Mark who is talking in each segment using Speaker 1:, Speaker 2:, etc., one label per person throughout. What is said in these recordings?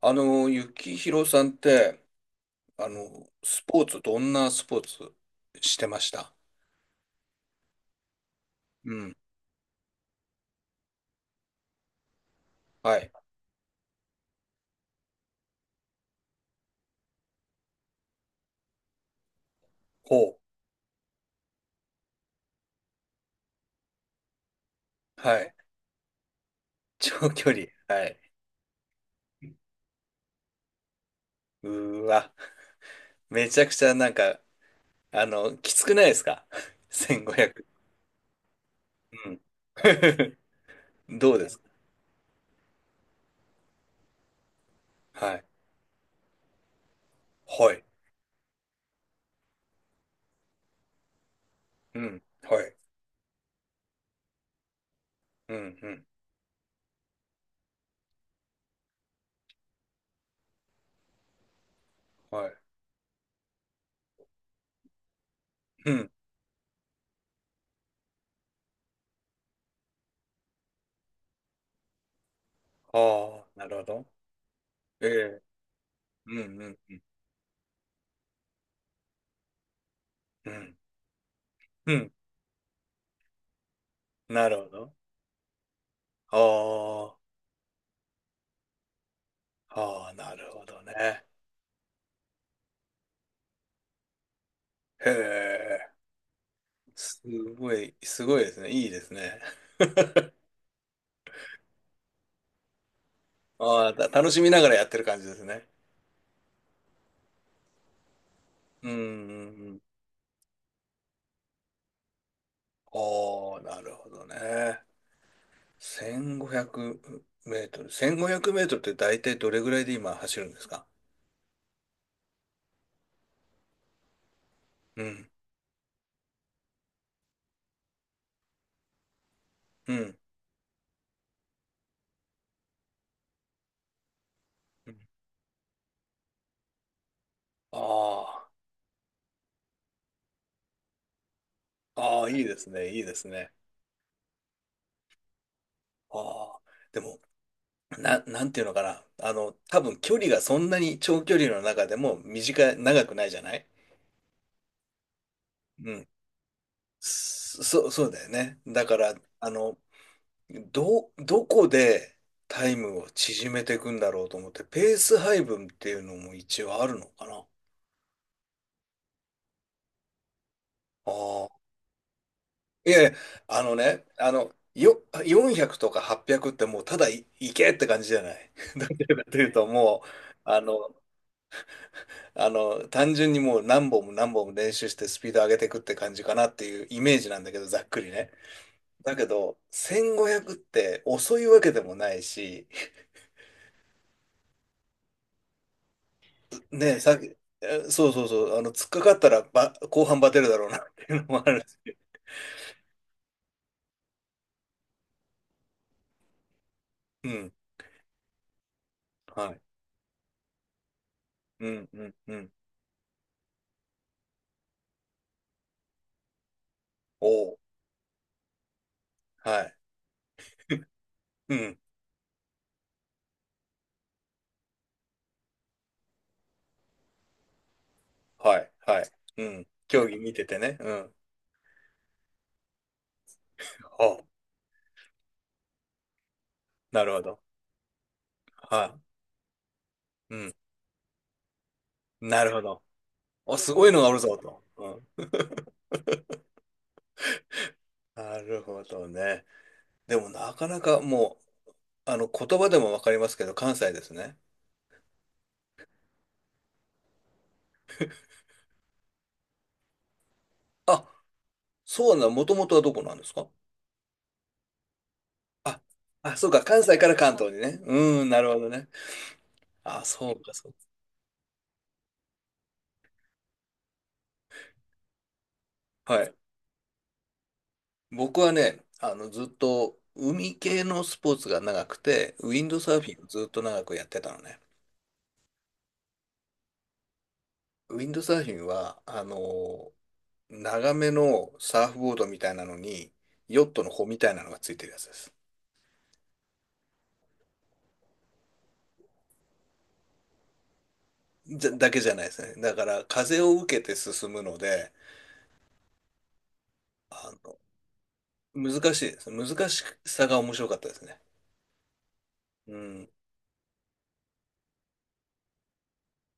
Speaker 1: 幸宏さんって、スポーツ、どんなスポーツしてました？うん。はい。ほう。はい。長距離。はい。うーわ。めちゃくちゃなんか、きつくないですか？ 1500。 うん。どうですか？はい。はい。うん。はい。うん。うん。はい。うん。ああ、なるほど。ええ。うん。うん。うん。うん。うん。なるほど。ああ、ああ、なるほどね。へえ。すすごいですね。いいですね。ああ、楽しみながらやってる感じですね。うんうんうん。おー、なるほどね。1500メートル。1500メートルって大体どれぐらいで今走るんですか？うん、うん。うん。ああ、ああ、いいですね、いいですね。ああ、でも、なんていうのかな。あの、多分距離がそんなに長距離の中でも短い、長くないじゃない？うん。そうだよね。だから、あの、どこでタイムを縮めていくんだろうと思って、ペース配分っていうのも一応あるのかな。ああ。いやいや、あのね、400とか800っぴゃくってもうただい、いけって感じじゃない。どちらかというともう、あの、あの、単純にもう何本も何本も練習してスピード上げていくって感じかなっていうイメージなんだけど、ざっくりね。だけど、1500って遅いわけでもないし、ね、さっき、そうそうそう、あの、突っかかったらば、後半バテるだろうなっていうのもあるんです。うん、はい。うん、うん、うん。お。おはい。うん、はい、はい。うん。競技見ててね。うん。おう、なるほど。はい。うん、なるほど。あ、すごいのがあるぞ、と。うん。なるほどね。でも、なかなかもう、あの、言葉でもわかりますけど、関西ですね。あ、そうなもともとはどこなんですか？あ、そうか、関西から関東にね。うん、なるほどね。あ、そうか。はい。僕はね、あの、ずっと海系のスポーツが長くて、ウィンドサーフィンをずっと長くやってたのね。ウィンドサーフィンは、あの、長めのサーフボードみたいなのに、ヨットの帆みたいなのがついてるやつです。じゃ、だけじゃないですね。だから、風を受けて進むので、あの、難しいです。難しさが面白かったですね。うん。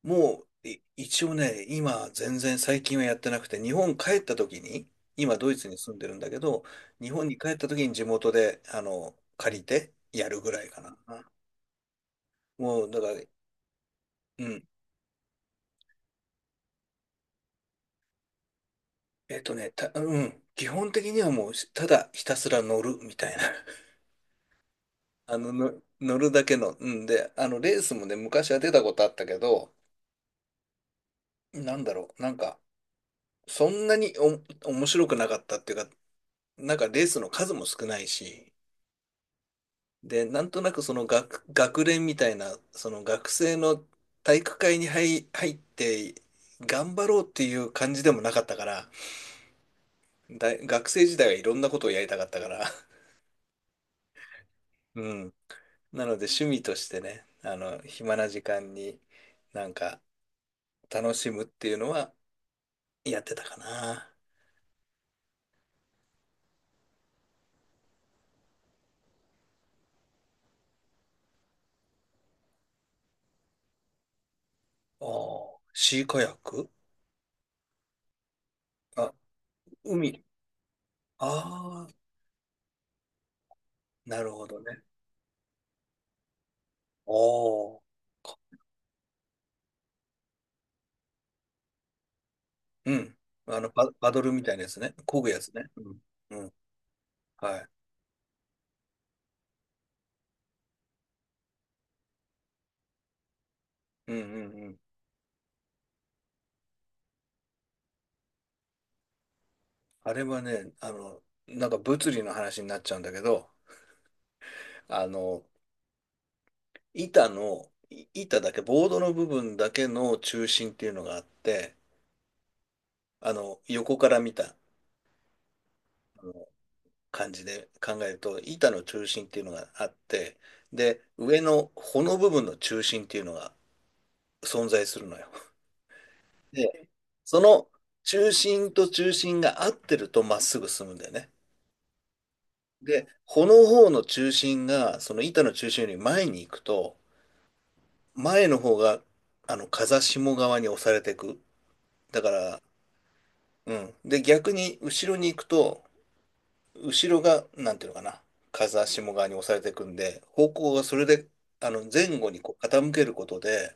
Speaker 1: もう、一応ね、今、全然最近はやってなくて、日本帰った時に、今、ドイツに住んでるんだけど、日本に帰った時に地元で、あの、借りてやるぐらいかな。もう、だから、うん。うん。基本的にはもう、ただひたすら乗るみたいな。乗るだけの。うん。で、あの、レースもね、昔は出たことあったけど、なんだろう、なんか、そんなに面白くなかったっていうか、なんかレースの数も少ないし、で、なんとなくその学連みたいな、その学生の体育会に入って、頑張ろうっていう感じでもなかったから、大学生時代はいろんなことをやりたかったから、うん。なので趣味としてね、あの、暇な時間になんか楽しむっていうのはやってたかな。おー、シーカヤック？あ、海。ああ、なるほどね。おー、うん。パドルみたいなやつね。漕ぐやつね。うん。はい。うんうんうん。あれはね、あの、なんか物理の話になっちゃうんだけど、あの、板の、い板だけ、ボードの部分だけの中心っていうのがあって、あの、横から見たあの感じで考えると、板の中心っていうのがあって、で、上の穂の部分の中心っていうのが存在するのよ。で、その中心と中心が合ってるとまっすぐ進むんだよね。で、穂の方の中心が、その板の中心より前に行くと、前の方が、あの、風下側に押されていく。だから、うん。で、逆に後ろに行くと、後ろが、なんていうのかな、風下側に押されていくんで、方向がそれで、あの、前後にこう傾けることで、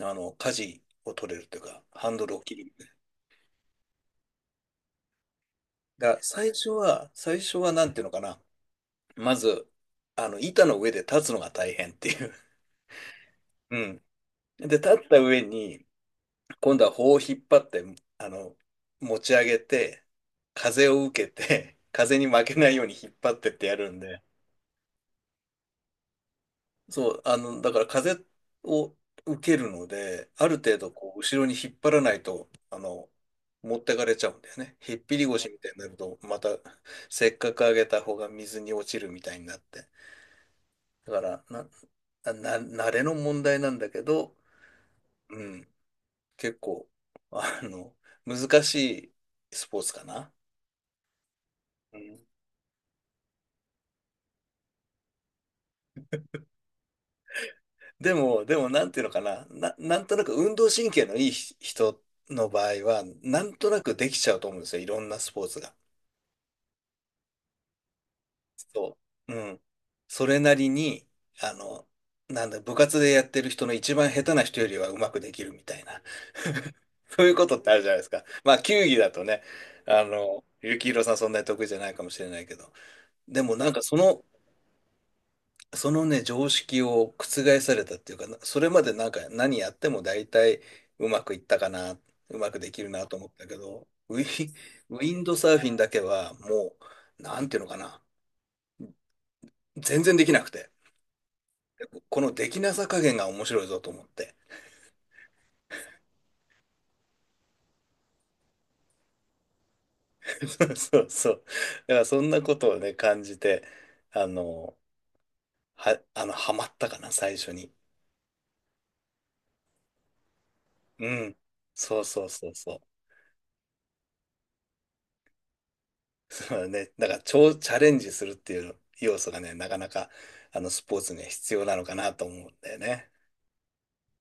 Speaker 1: あの、舵を取れるというか、ハンドルを切る。だから最初はなんていうのかな、まず、あの、板の上で立つのが大変っていう。うん。で、立った上に、今度は棒を引っ張って、あの、持ち上げて、風を受けて、風に負けないように引っ張ってってやるんで、そう、あの、だから風を受けるので、ある程度こう、後ろに引っ張らないと、あの、持ってかれちゃうんだよね。ひっぴり腰みたいになると、また、せっかく上げた方が水に落ちるみたいになって。だから、な、な、慣れの問題なんだけど、うん、結構、あの、難しいスポーツかな。うん。でも、なんていうのかな、なんとなく運動神経のいい人の場合は、なんとなくできちゃうと思うんですよ、いろんなスポーツが。そう。うん。それなりに、あの、なんだ、部活でやってる人の一番下手な人よりはうまくできるみたいな、そういうことってあるじゃないですか。まあ、球技だとね、あの、幸宏さんそんなに得意じゃないかもしれないけど、でもなんかそのそのね、常識を覆されたっていうか、なそれまでなんか何やっても大体うまくいったかな、うまくできるなと思ったけど、ウィンドサーフィンだけはもう、なんていうのかな、全然できなくて、このできなさ加減が面白いぞと思って。そうそう。だからそんなことをね、感じて、あの、あの、ハマったかな、最初に。うん。そうそうそうそう。そうだね。だから、超チャレンジするっていう要素がね、なかなか、あの、スポーツには必要なのかなと思うんだよね。